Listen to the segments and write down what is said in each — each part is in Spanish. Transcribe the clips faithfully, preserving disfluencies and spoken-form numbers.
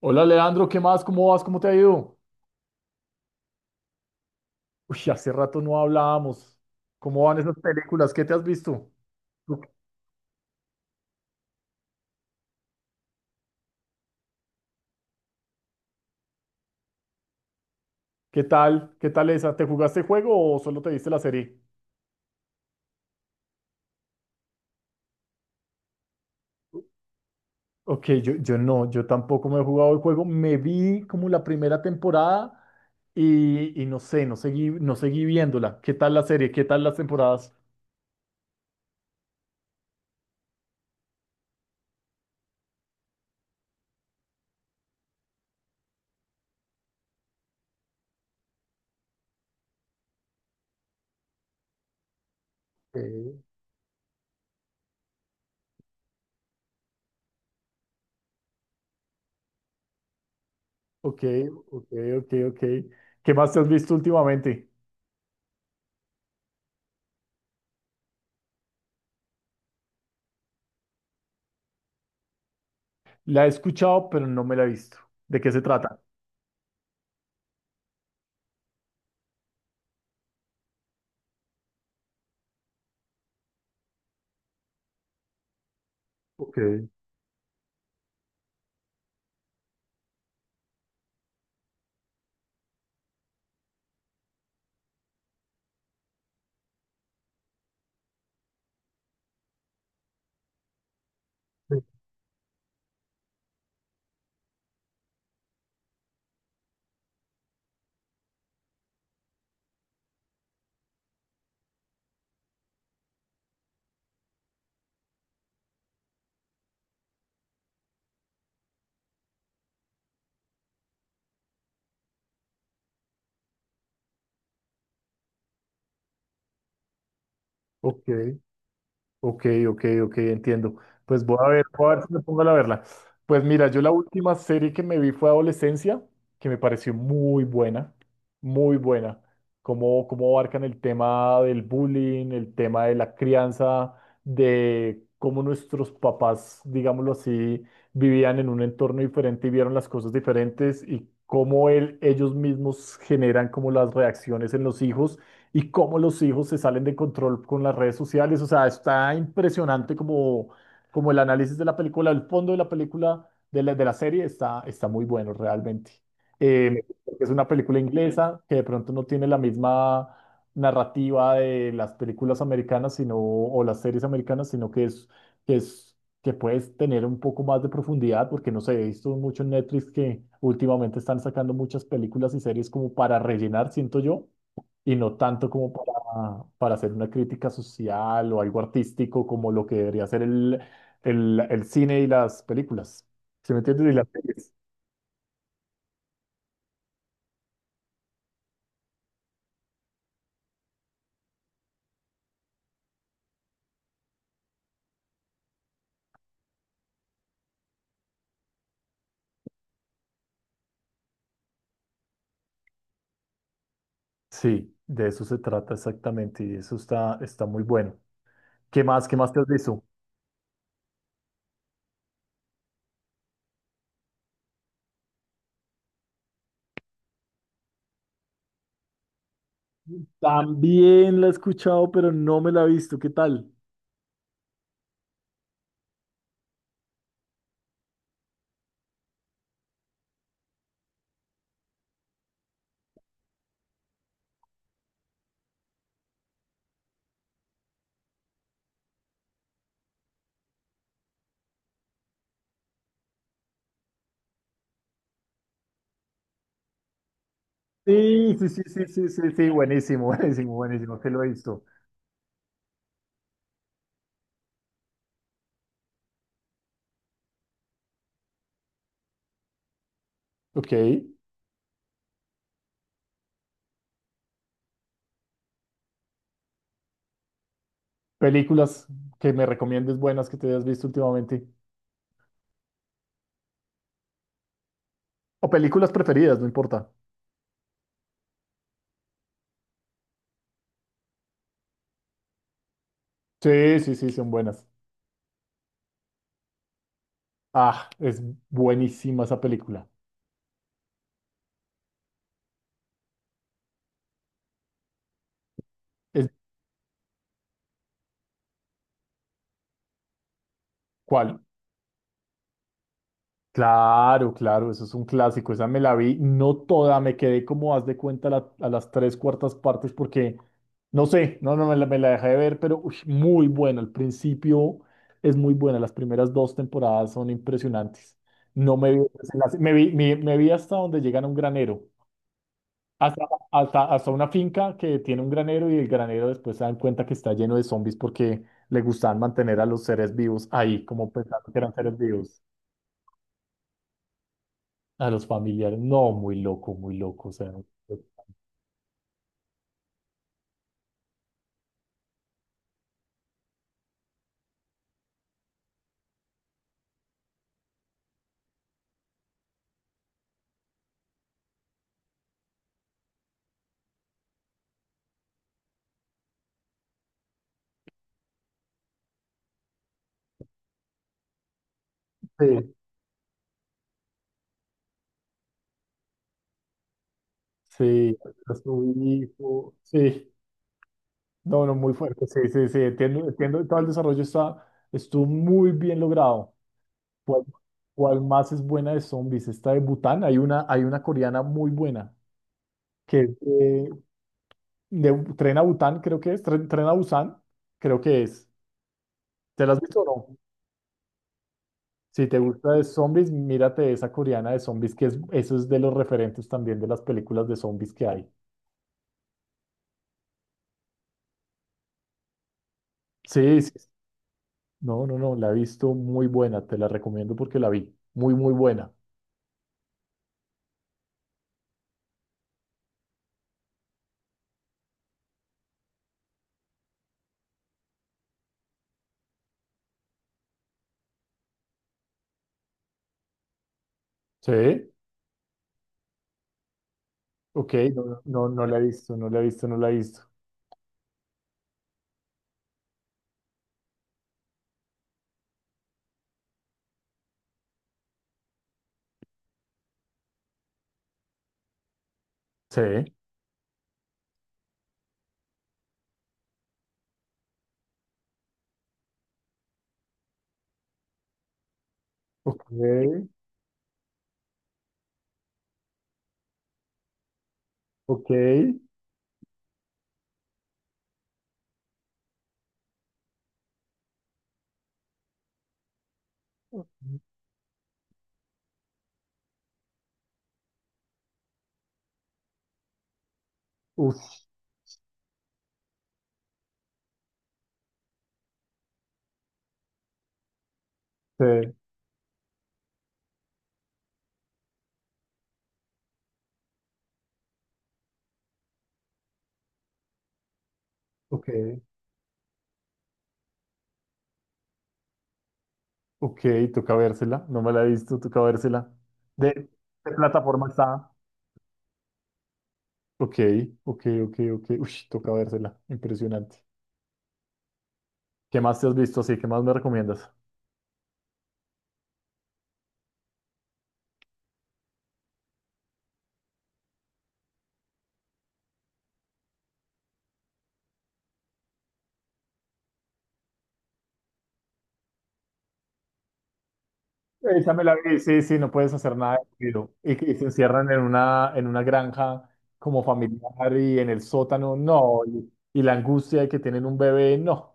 Hola Leandro, ¿qué más? ¿Cómo vas? ¿Cómo te ha ido? Uy, hace rato no hablábamos. ¿Cómo van esas películas? ¿Qué te has visto? ¿Tú ¿Qué tal? ¿Qué tal esa? ¿Te jugaste el juego o solo te viste la serie? Ok, yo, yo no, yo tampoco me he jugado el juego. Me vi como la primera temporada y, y no sé, no seguí, no seguí viéndola. ¿Qué tal la serie? ¿Qué tal las temporadas? Ok, ok, ok, ok. ¿Qué más te has visto últimamente? La he escuchado, pero no me la he visto. ¿De qué se trata? Ok, ok. Ok, ok, ok, entiendo. Pues voy a ver, voy a ver si me pongo a verla. Pues mira, yo la última serie que me vi fue Adolescencia, que me pareció muy buena, muy buena. Cómo, cómo abarcan el tema del bullying, el tema de la crianza, de cómo nuestros papás, digámoslo así, vivían en un entorno diferente y vieron las cosas diferentes y cómo el- ellos mismos generan como las reacciones en los hijos y cómo los hijos se salen de control con las redes sociales. O sea, está impresionante como, como el análisis de la película, el fondo de la película, de la, de la serie, está, está muy bueno realmente. Eh, es una película inglesa que de pronto no tiene la misma narrativa de las películas americanas, sino, o las series americanas, sino que es, que es que puedes tener un poco más de profundidad, porque no sé, he visto mucho en Netflix que últimamente están sacando muchas películas y series como para rellenar, siento yo, y no tanto como para, para hacer una crítica social o algo artístico como lo que debería ser el, el, el cine y las películas. ¿Sí me entiendes? Y las series. Sí, de eso se trata exactamente y eso está, está muy bueno. ¿Qué más? ¿Qué más te has visto? También la he escuchado, pero no me la he visto. ¿Qué tal? Sí, sí, sí, sí, sí, sí, sí, buenísimo, buenísimo, buenísimo, que lo he visto. Ok, películas que me recomiendes buenas que te hayas visto últimamente. O películas preferidas, no importa. Sí, sí, sí, son buenas. Ah, es buenísima esa película. Es, ¿cuál? Claro, claro, eso es un clásico. Esa me la vi, no toda, me quedé como haz de cuenta la- a las tres cuartas partes porque no sé, no, no me la, me la dejé de ver, pero uy, muy buena. Al principio es muy buena, las primeras dos temporadas son impresionantes. No me vi el desenlace, me vi, me, me vi hasta donde llegan a un granero. Hasta, hasta, hasta una finca que tiene un granero y el granero, después se dan cuenta que está lleno de zombies porque le gustaban mantener a los seres vivos ahí, como pensando que eran seres vivos. A los familiares, no, muy loco, muy loco, o sea. Sí, sí, a su hijo, sí, no, no, muy fuerte, sí, sí, sí, entiendo, entiendo, todo el desarrollo está, estuvo muy bien logrado. ¿Cuál, cuál más es buena de zombies? Esta de Bután, hay una, hay una coreana muy buena, que es de, de Bu- Tren a Bután, creo que es. Tren, Tren a Busan, creo que es. ¿Te la has visto o no? Si te gusta de zombies, mírate esa coreana de zombies, que es, eso es de los referentes también de las películas de zombies que hay. Sí, sí, sí. No, no, no, la he visto muy buena, te la recomiendo porque la vi. Muy, muy buena. Sí, ok, no, no, no la he visto, no la he visto, no la he visto. Sí, ok, ok. Uf, sí, ok. Ok, toca vérsela. No me la he visto, toca vérsela. ¿De, de plataforma está? Ok, ok, ok, ok. Uy, toca vérsela. Impresionante. ¿Qué más te has visto así? ¿Qué más me recomiendas? Esa me la vi, sí, sí, no puedes hacer nada de ruido. Y que se encierran en una, en una, granja como familiar y en el sótano, no. Y, y la angustia de que tienen un bebé, no.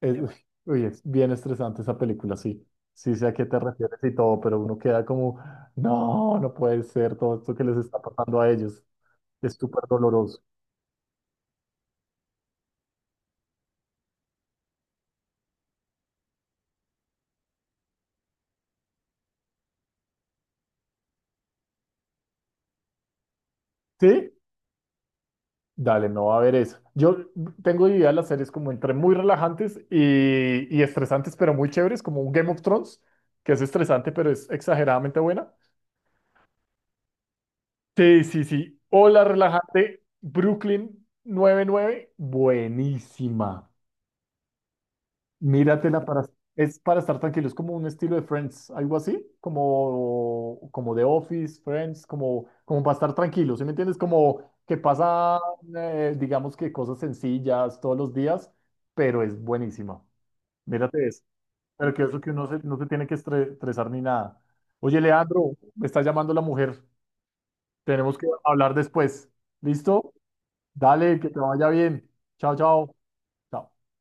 Es, uy, uy, es bien estresante esa película, sí. Sí sé a qué te refieres y todo, pero uno queda como, no, no puede ser todo esto que les está pasando a ellos. Es súper doloroso. ¿Sí? Dale, no va a haber eso. Yo tengo idea de las series como entre muy relajantes y, y estresantes, pero muy chéveres, como un Game of Thrones, que es estresante, pero es exageradamente buena. Sí, sí, sí. Hola, relajante. Brooklyn noventa y nueve, buenísima. Míratela, para, es para estar tranquilo, es como un estilo de Friends, algo así, como, como, The Office, Friends, como, como para estar tranquilo, ¿sí me entiendes? Como que pasa, eh, digamos, que cosas sencillas todos los días, pero es buenísima. Mírate eso. Pero que eso, que uno se- no se tiene que estre- estresar ni nada. Oye, Leandro, me está llamando la mujer. Tenemos que hablar después. ¿Listo? Dale, que te vaya bien. Chao, chao. Chao.